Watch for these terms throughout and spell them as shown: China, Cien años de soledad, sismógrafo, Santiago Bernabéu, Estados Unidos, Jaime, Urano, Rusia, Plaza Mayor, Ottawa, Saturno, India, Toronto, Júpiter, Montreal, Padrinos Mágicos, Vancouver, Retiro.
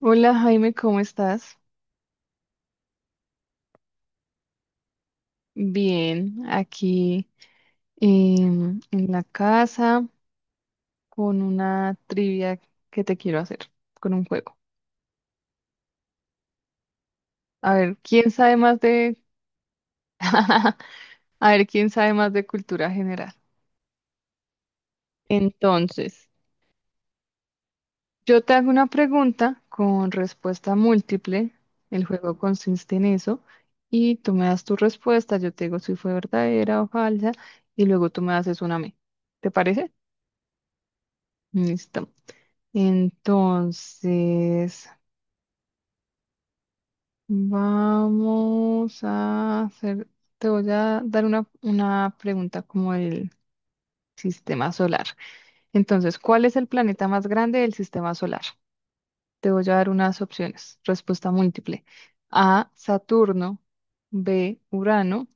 Hola Jaime, ¿cómo estás? Bien, aquí en la casa con una trivia que te quiero hacer, con un juego. A ver, ¿quién sabe más de... A ver, ¿quién sabe más de cultura general? Entonces, yo te hago una pregunta con respuesta múltiple. El juego consiste en eso. Y tú me das tu respuesta, yo te digo si fue verdadera o falsa, y luego tú me haces una a mí. ¿Te parece? Listo. Entonces, vamos a hacer, te voy a dar una pregunta como el sistema solar. Entonces, ¿cuál es el planeta más grande del sistema solar? Te voy a dar unas opciones. Respuesta múltiple. A, Saturno. B, Urano.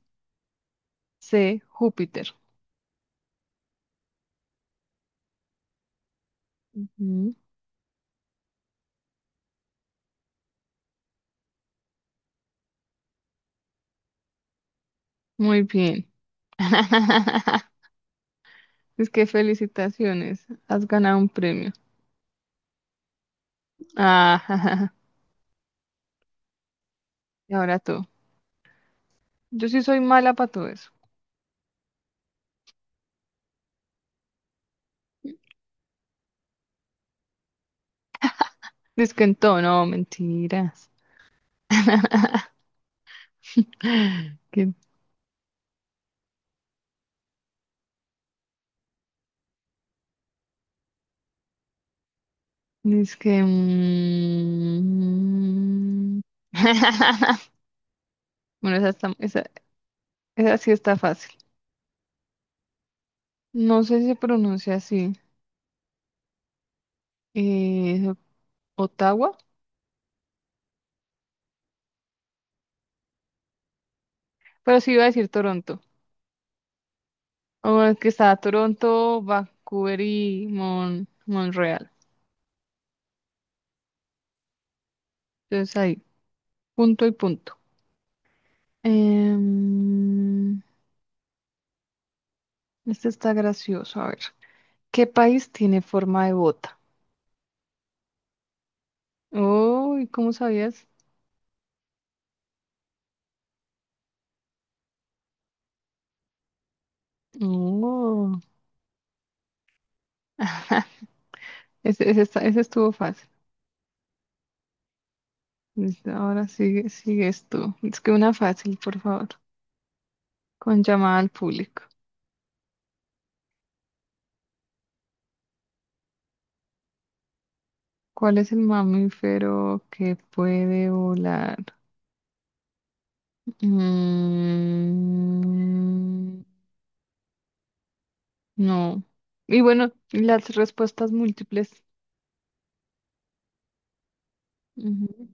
C, Júpiter. Mm. Muy bien. Es que felicitaciones, has ganado un premio. Ah. Y ahora tú. Yo sí soy mala para todo eso. Dice que en todo, no, mentiras. Que, dice que... Bueno, esa, esa sí está fácil. No sé si se pronuncia así. eh, Ottawa, pero sí iba a decir Toronto. O el que está Toronto, Vancouver y Montreal. Entonces ahí, punto y punto. Em, este está gracioso, a ver. ¿Qué país tiene forma de bota? Uy, ¿cómo sabías? Oh. Ese estuvo fácil. Listo. Ahora sigue, sigues tú. Es que una fácil, por favor. Con llamada al público. ¿Cuál es el mamífero que puede volar? Mm, no. Y bueno, las respuestas múltiples. Ujú.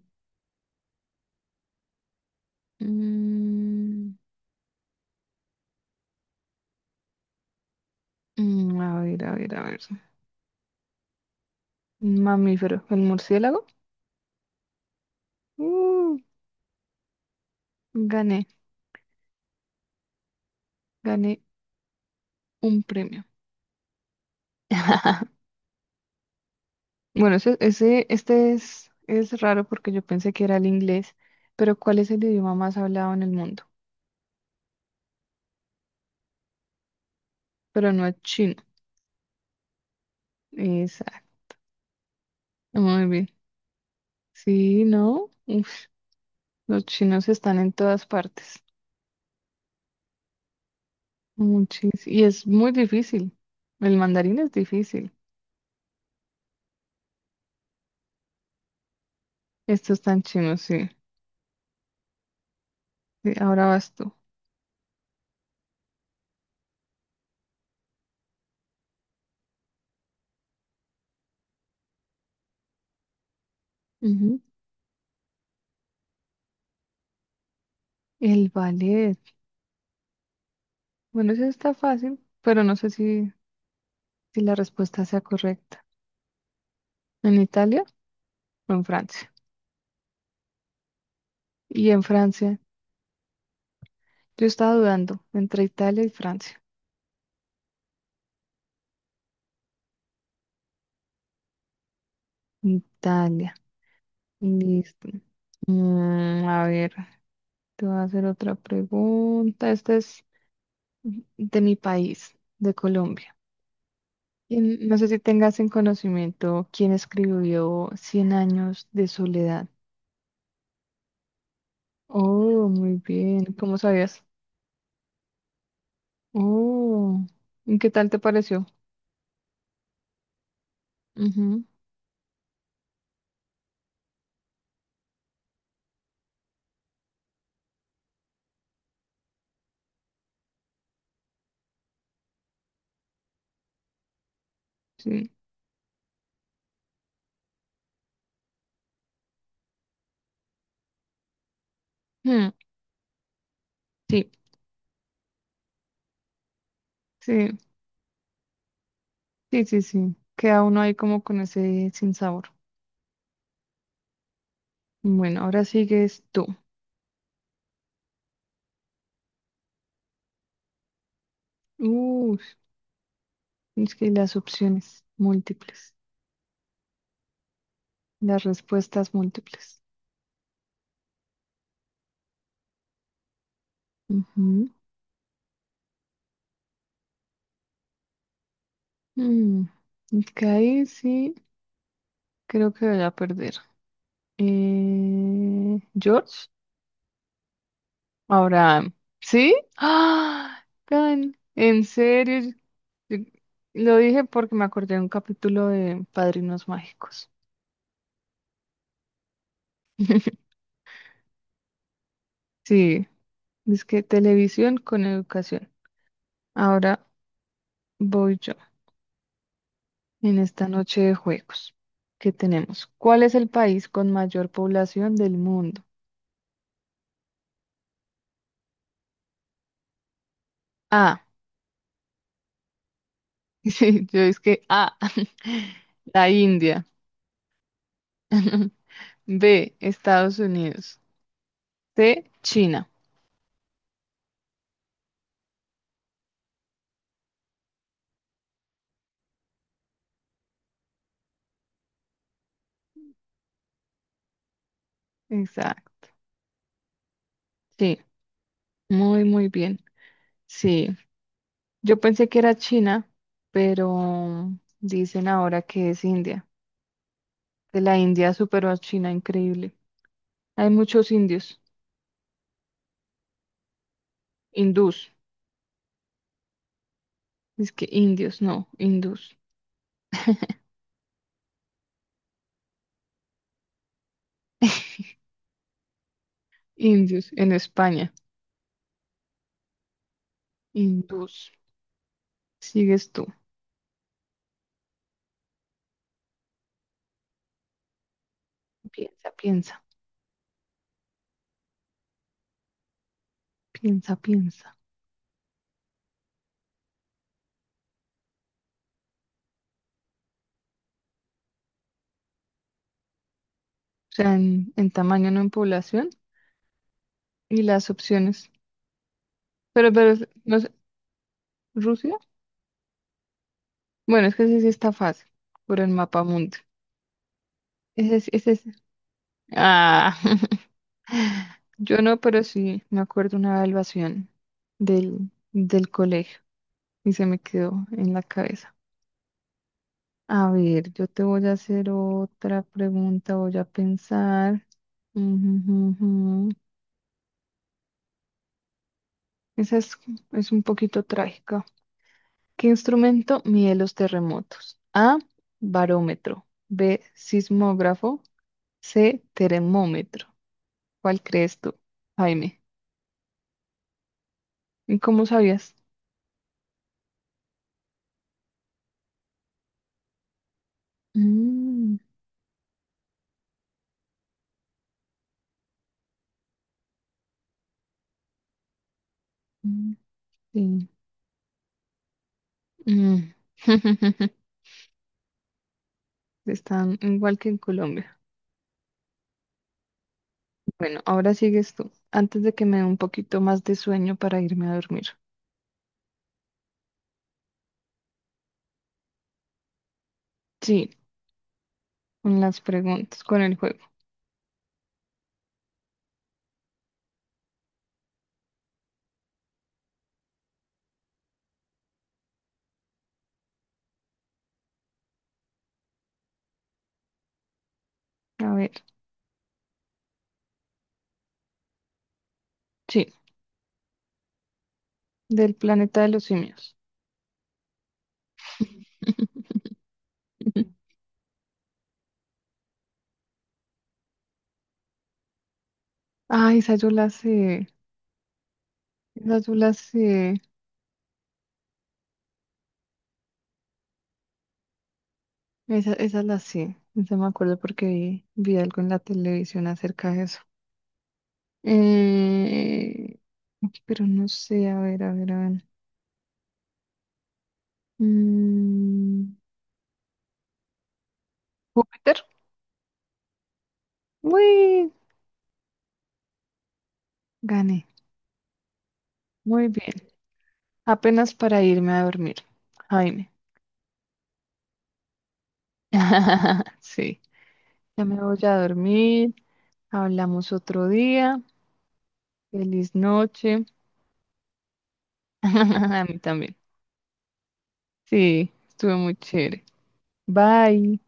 Mm, a ver, a ver, a ver. Un mamífero. ¿El murciélago? Uh, gané, gané un premio. Bueno, este es raro porque yo pensé que era el inglés, pero ¿cuál es el idioma más hablado en el mundo? Pero no es chino. Exacto. Muy bien. Sí, ¿no? Uf, los chinos están en todas partes. Y es muy difícil. El mandarín es difícil. Estos tan chinos, sí. Sí, ahora vas tú. Ujú. El ballet. Bueno, eso está fácil, pero no sé si si, la respuesta sea correcta. ¿En Italia o en Francia? Y en Francia, yo estaba dudando entre Italia y Francia. Italia, listo. A ver, te voy a hacer otra pregunta. Esta es de mi país, de Colombia. Y no sé si tengas en conocimiento quién escribió Cien años de soledad. Oh, muy bien. ¿Cómo sabías? Oh, ¿y qué tal te pareció? Ujú, sí. Mm, sí, sí. Sí, sí, sí. Queda uno ahí como con ese sin sabor. Bueno, ahora sigues tú. Uh, es que las opciones múltiples, las respuestas múltiples. Ujú. Mm, es que ahí sí creo que voy a perder. George, ahora, ¿sí? ¡Ah! Gan- En serio, Yo- lo dije porque me acordé de un capítulo de Padrinos Mágicos. Sí, es que televisión con educación. Ahora voy yo en esta noche de juegos que tenemos. ¿Cuál es el país con mayor población del mundo? A. Sí, yo es que A. La India. B. Estados Unidos. C. China. Exacto. Sí, muy, muy bien. Sí, yo pensé que era China, pero dicen ahora que es India. Que la India superó a China, increíble. Hay muchos indios. Hindús. Es que indios, no, hindús. Indios en España. Hindús. Sigues tú. Piensa, piensa, piensa, piensa. O sea, en tamaño, no en población. Y las opciones. No sé, ¿Rusia? Bueno, es que ese sí está fácil. Por el mapa mundi. Ese, sí. Ah. Yo no, pero sí me acuerdo una evaluación del colegio y se me quedó en la cabeza. A ver, yo te voy a hacer otra pregunta, voy a pensar. Ujú, ujú, ujú. Esa es, es un poquito trágica. ¿Qué instrumento mide los terremotos? A, barómetro. B, sismógrafo. C, termómetro. ¿Cuál crees tú, Jaime? ¿Y cómo sabías? Mm, mm, sí. Mm. Están igual que en Colombia. Bueno, ahora sigues tú, antes de que me dé un poquito más de sueño para irme a dormir. Sí, con las preguntas, con el juego. A ver, sí, del planeta de los simios. Ay, esa yo la sé. Esa yo la sé. Esa la sé. Esa me acuerdo porque vi algo en la televisión acerca de eso. Eh, pero no sé, a ver, a ver, a ver. Mm, ¿Júpiter? Uy, gané. Muy bien. Apenas para irme a dormir, Jaime. Sí, ya me voy a dormir. Hablamos otro día. Feliz noche. A mí también. Sí, estuvo muy chévere. Bye.